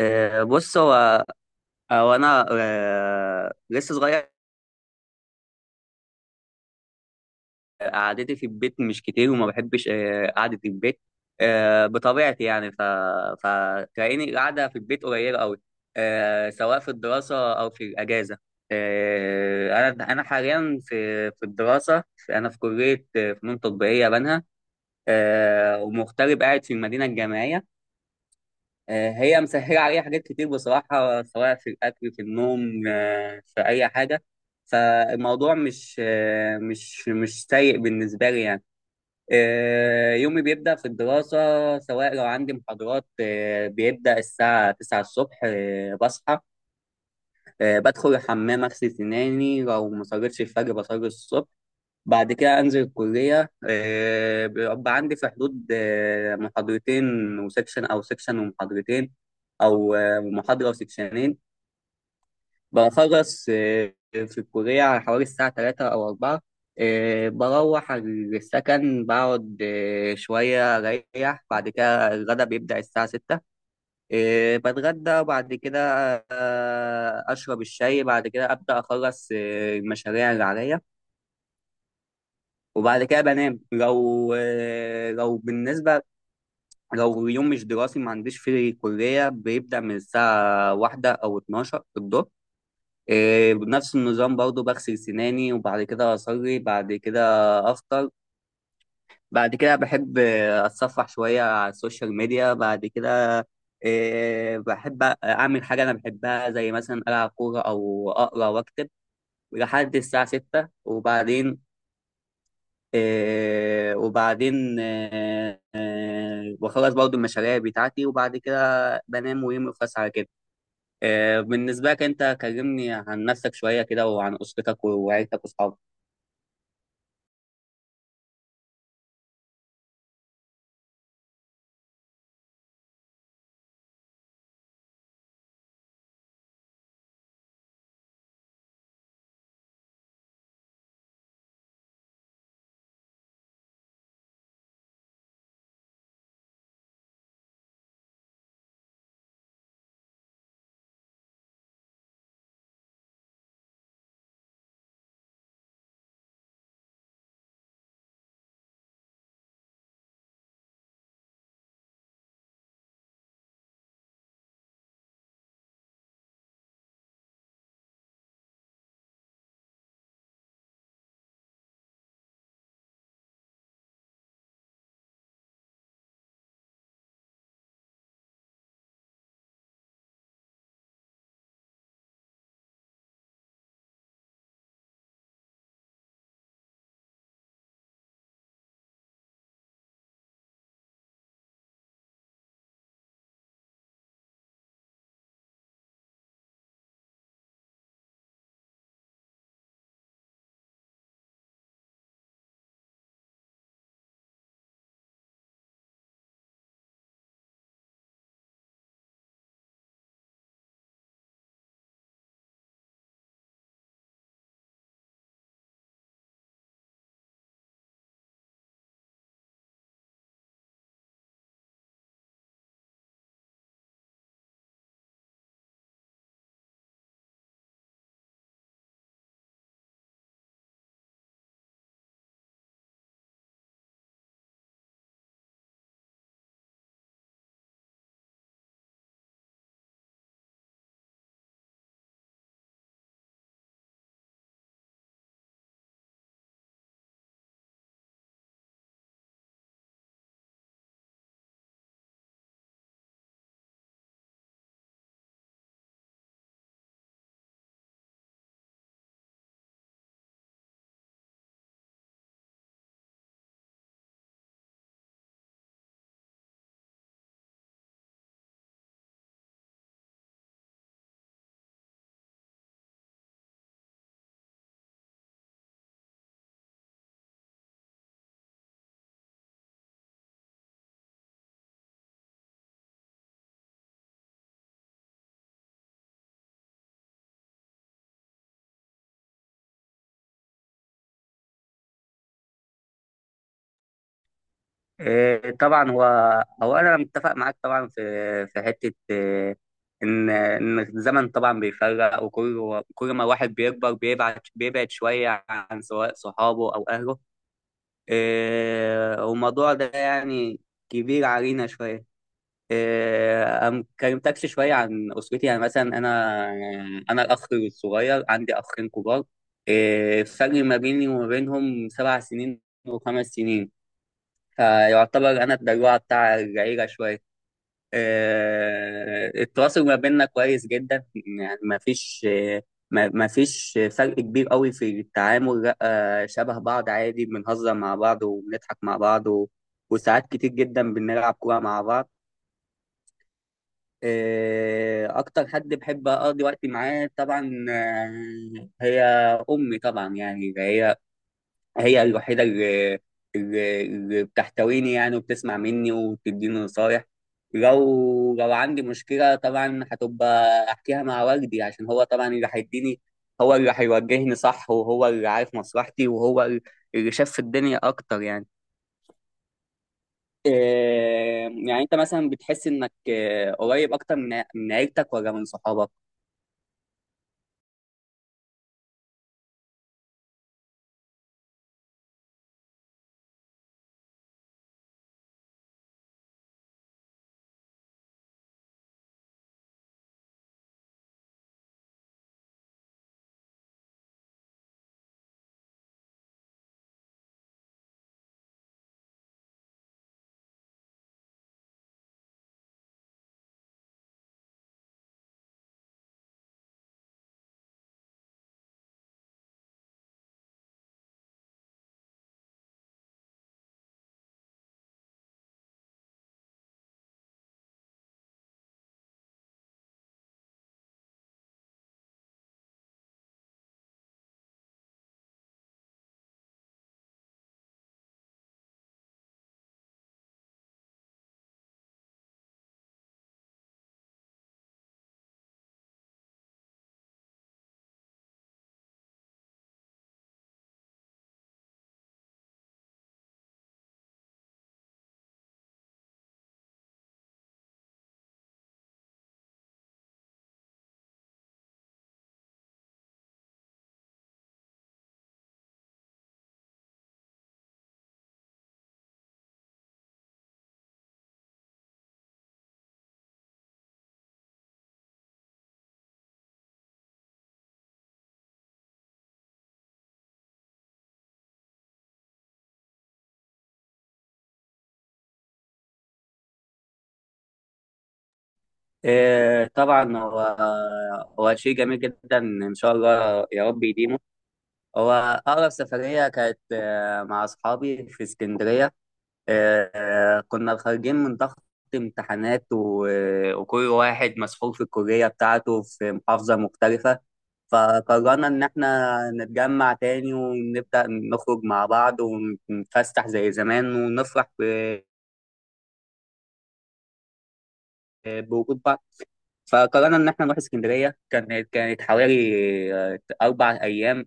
بص هو هو انا آه، لسه صغير قعدتي في البيت مش كتير وما بحبش قعدة البيت بطبيعتي يعني فتلاقيني قاعدة في البيت قليلة قوي، سواء في الدراسة أو في الأجازة. أنا حاليا في الدراسة. أنا في كلية فنون تطبيقية بنها، ومغترب قاعد في المدينة الجامعية. هي مسهلة عليا حاجات كتير بصراحة، سواء في الأكل في النوم في أي حاجة. فالموضوع مش آه، مش مش سيء بالنسبة لي يعني. يومي بيبدأ في الدراسة. سواء لو عندي محاضرات بيبدأ الساعة 9 الصبح، بصحى، بدخل الحمام أغسل سناني، لو ما صليتش الفجر بصلي الصبح. بعد كده انزل الكليه، بيبقى عندي في حدود محاضرتين وسكشن، سكشن ومحاضرتين، او محاضره وسكشنين. بخلص في الكليه على حوالي الساعه 3 او 4، بروح السكن، بقعد شويه اريح، بعد كده الغدا بيبدا الساعه 6. بتغدى، وبعد كده اشرب الشاي، بعد كده ابدا اخلص المشاريع اللي عليا، وبعد كده بنام. لو لو بالنسبة لو يوم مش دراسي ما عنديش فيه كلية، بيبدأ من الساعة واحدة أو 12 الظهر. إيه، بنفس النظام برضو، بغسل سناني وبعد كده أصلي، بعد كده أفطر، بعد كده بحب أتصفح شوية على السوشيال ميديا، بعد كده إيه، بحب أعمل حاجة أنا بحبها زي مثلا ألعب كورة أو أقرأ وأكتب لحد الساعة 6. وبعدين بخلص برضو المشاريع بتاعتي، وبعد كده بنام ويومي يخلص على كده. بالنسبة لك أنت، كلمني عن نفسك شوية كده وعن أسرتك وعيلتك وأصحابك. طبعا، هو هو أنا متفق معاك طبعا في في حتة، إن الزمن طبعا بيفرق، وكل ما الواحد بيكبر بيبعد شوية عن سواء صحابه أو أهله. والموضوع ده يعني كبير علينا شوية. أم كلمتكش شوية عن أسرتي. يعني مثلا أنا الأخ الصغير، عندي أخين كبار. إيه، الفرق ما بيني وما بينهم 7 سنين وخمس سنين. فيعتبر أنا الدلوعة بتاع العيلة شوية. إيه، التواصل ما بيننا كويس جدا. يعني ما فيش فرق كبير قوي في التعامل، لا شبه بعض عادي، بنهزر مع بعض وبنضحك مع بعض و- وساعات كتير جدا بنلعب كورة مع بعض. أكتر حد بحب أقضي وقتي معاه طبعا هي أمي طبعا. يعني هي الوحيدة اللي بتحتويني يعني، وبتسمع مني وبتديني نصايح. لو عندي مشكلة طبعا هتبقى أحكيها مع والدي، عشان هو طبعا اللي هيديني، هو اللي هيوجهني صح وهو اللي عارف مصلحتي وهو اللي شاف في الدنيا أكتر يعني. آه، يعني أنت مثلا بتحس إنك قريب أكتر من عيلتك ولا من صحابك؟ إيه طبعا، هو شيء جميل جدا ان شاء الله يا رب يديمه. هو اقرب سفريه كانت مع اصحابي في اسكندريه. كنا خارجين من ضغط امتحانات، و- وكل واحد مسحول في الكليه بتاعته في محافظه مختلفه. فقررنا ان احنا نتجمع تاني ونبدا نخرج مع بعض ونتفسح زي زمان ونفرح ب- بوجود بعض. فقررنا ان احنا نروح اسكندريه. كانت حوالي 4 ايام،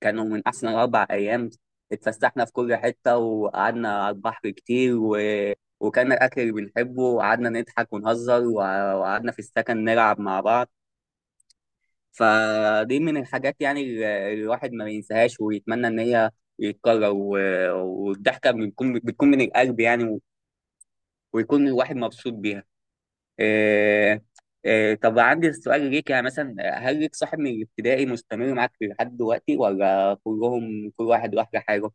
كانوا من احسن 4 ايام. اتفسحنا في كل حته وقعدنا على البحر كتير و... وكان الاكل اللي بنحبه، وقعدنا نضحك ونهزر وع- وقعدنا في السكن نلعب مع بعض. فدي من الحاجات يعني اللي الواحد ما بينساهاش ويتمنى ان هي يتكرر و... والضحكه بتكون من القلب يعني، ويكون الواحد مبسوط بيها. آه، طب عندي سؤال ليك، يعني مثلا هل ليك صاحب من الابتدائي مستمر معاك لحد دلوقتي ولا كلهم كل واحد راح لحاله؟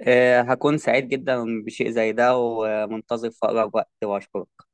هكون سعيد جدا بشيء زي ده ومنتظر في أقرب وقت، وأشكرك.